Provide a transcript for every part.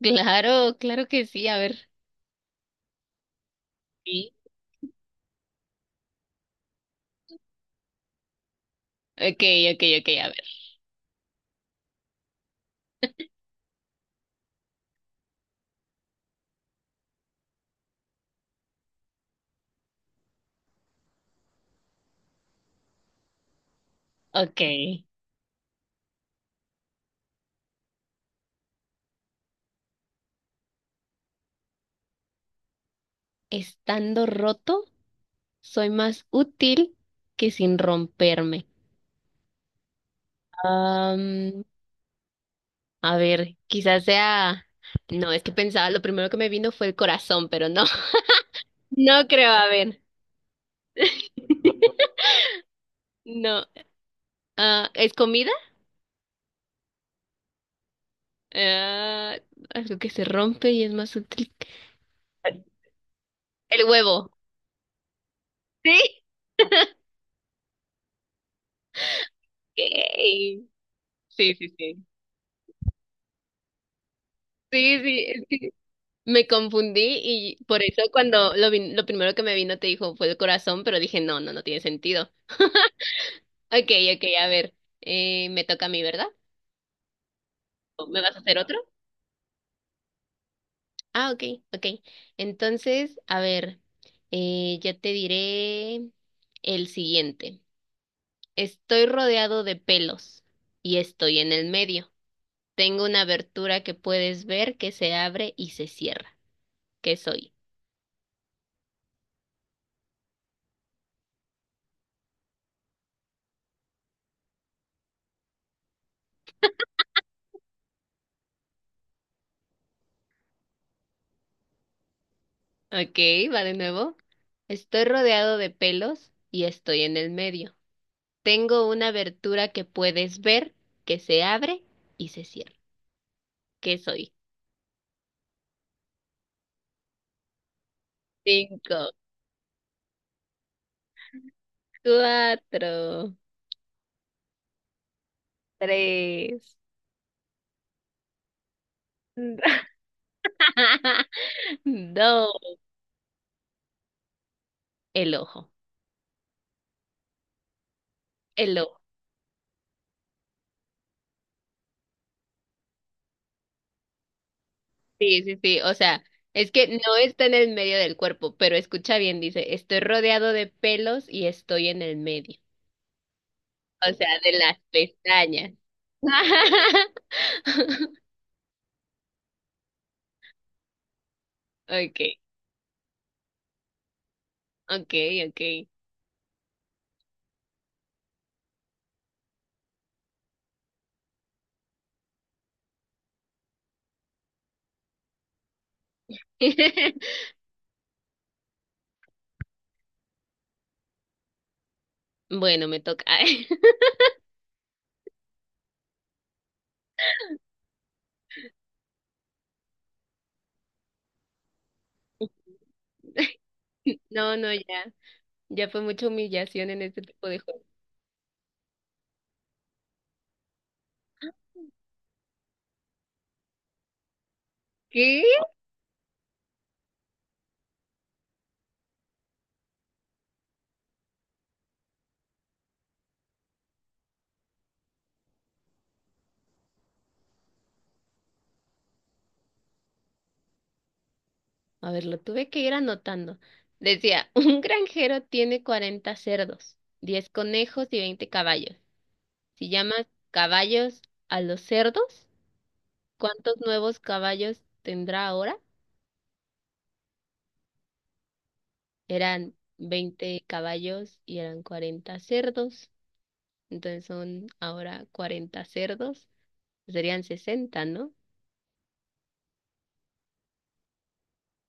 Claro, claro que sí, a ver. Sí. Ok, ok, ok, a ver. Ok. Estando roto, soy más útil que sin romperme. Am, a ver, quizás sea. No, es que pensaba, lo primero que me vino fue el corazón, pero no. No creo, a ver. No. Ah, ¿es comida? Ah, algo que se rompe y es más útil. El huevo. Sí. Yay. Sí, sí, sí. Sí, sí, me confundí y por eso cuando lo primero que me vino te dijo fue el corazón, pero dije, no, no, no tiene sentido. Ok, ok, a ver, me toca a mí, ¿verdad? ¿O me vas a hacer otro? Ah, ok, ok. Entonces, a ver, ya te diré el siguiente. Estoy rodeado de pelos y estoy en el medio. Tengo una abertura que puedes ver que se abre y se cierra. ¿Qué soy? Ok, va de nuevo. Estoy rodeado de pelos y estoy en el medio. Tengo una abertura que puedes ver, que se abre y se cierra. ¿Qué soy? Cinco, cuatro, tres, dos. El ojo, el ojo. Sí, sí, sí. O sea, es que no está en el medio del cuerpo, pero escucha bien, dice, estoy rodeado de pelos y estoy en el medio. O sea, de las pestañas. Ok. Okay, okay. Bueno, me toca. Ay. No, no, ya. Ya fue mucha humillación en este tipo de juego. ¿Qué? A ver, lo tuve que ir anotando. Decía, un granjero tiene 40 cerdos, 10 conejos y 20 caballos. Si llamas caballos a los cerdos, ¿cuántos nuevos caballos tendrá ahora? Eran 20 caballos y eran 40 cerdos. Entonces son ahora 40 cerdos. Serían 60, ¿no?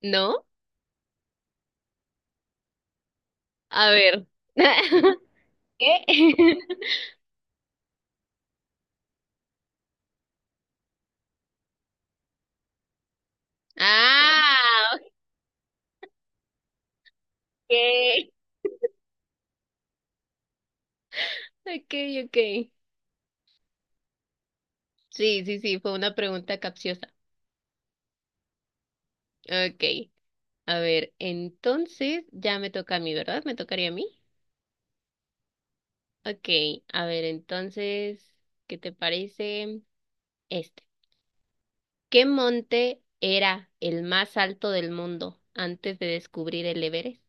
¿No? A ver. ¿Qué? Ah, ok. Ok, ok. Sí, sí, sí, fue una pregunta capciosa. Ok. A ver, entonces ya me toca a mí, ¿verdad? ¿Me tocaría a mí? Ok. A ver, entonces, ¿qué te parece este? ¿Qué monte era el más alto del mundo antes de descubrir el Everest?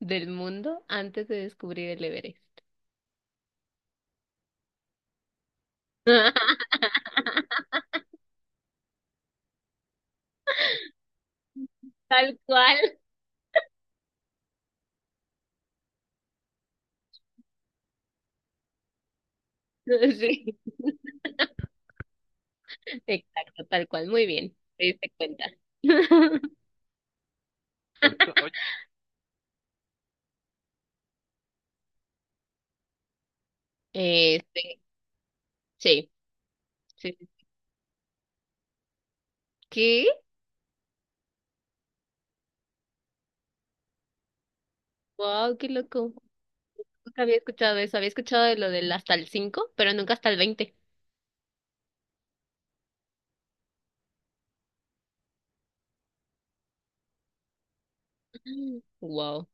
¿Del mundo antes de descubrir el Everest? Tal cual. Sí. Exacto, tal cual. Muy bien. Te diste cuenta. Oye, este, sí, sí. Sí. ¿Qué? Wow, qué loco. Nunca había escuchado eso. Había escuchado de lo del hasta el 5 pero nunca hasta el 20. Wow.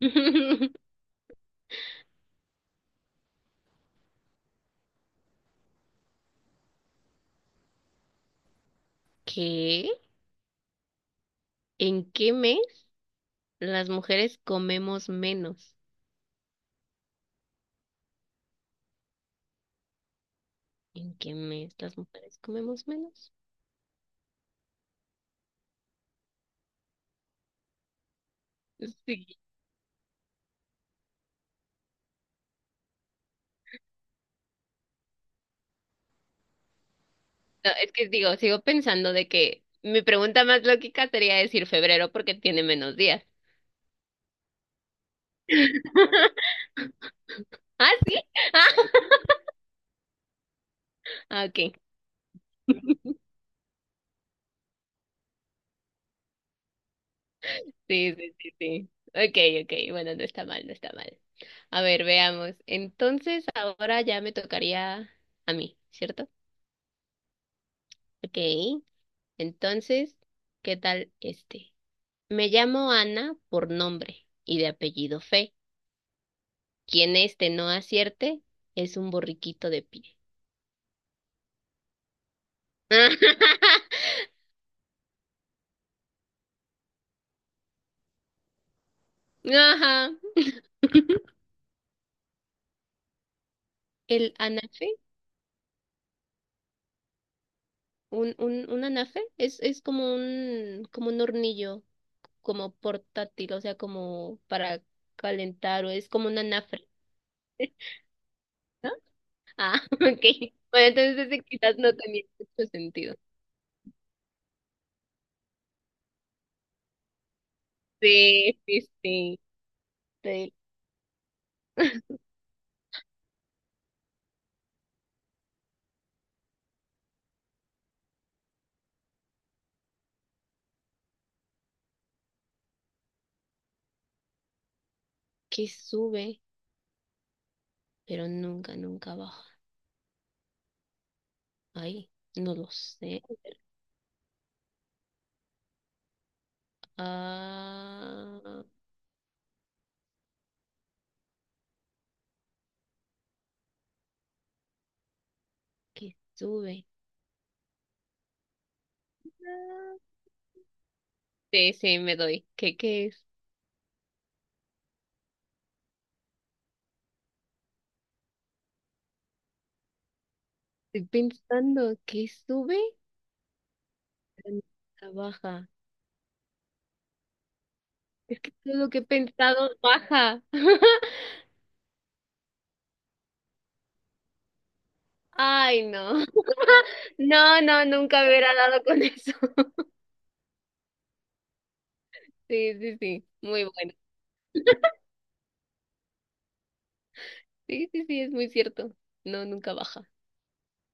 ¿Qué? ¿En qué mes las mujeres comemos menos? ¿En qué mes las mujeres comemos menos? Sí. No, es que digo, sigo pensando de que mi pregunta más lógica sería decir febrero porque tiene menos días. ¿Ah, sí? Ah, ok. Sí, sí, sí, sí. Ok, ok. Bueno, no está mal, no está mal. A ver, veamos. Entonces, ahora ya me tocaría a mí, ¿cierto? Ok. Entonces, ¿qué tal este? Me llamo Ana por nombre y de apellido Fe. Quien este no acierte es un borriquito de pie. Ajá. El anafe, un anafe es como un, hornillo. Como portátil, o sea, como para calentar, o es como una anafre, ¿no? Ah, ok. Bueno, entonces ese quizás no tenía mucho sentido. Sí, sí, sí. Pero que sube, pero nunca, nunca baja. Ay, no lo sé. Ah, que sube. Ah, sí, sí, me doy. ¿Qué es? Estoy pensando que sube, pero nunca baja. Es que todo lo que he pensado baja. Ay, no. No, no, nunca me hubiera dado con eso. Sí, sí, sí, muy bueno. Sí, sí, sí, es muy cierto. No, nunca baja.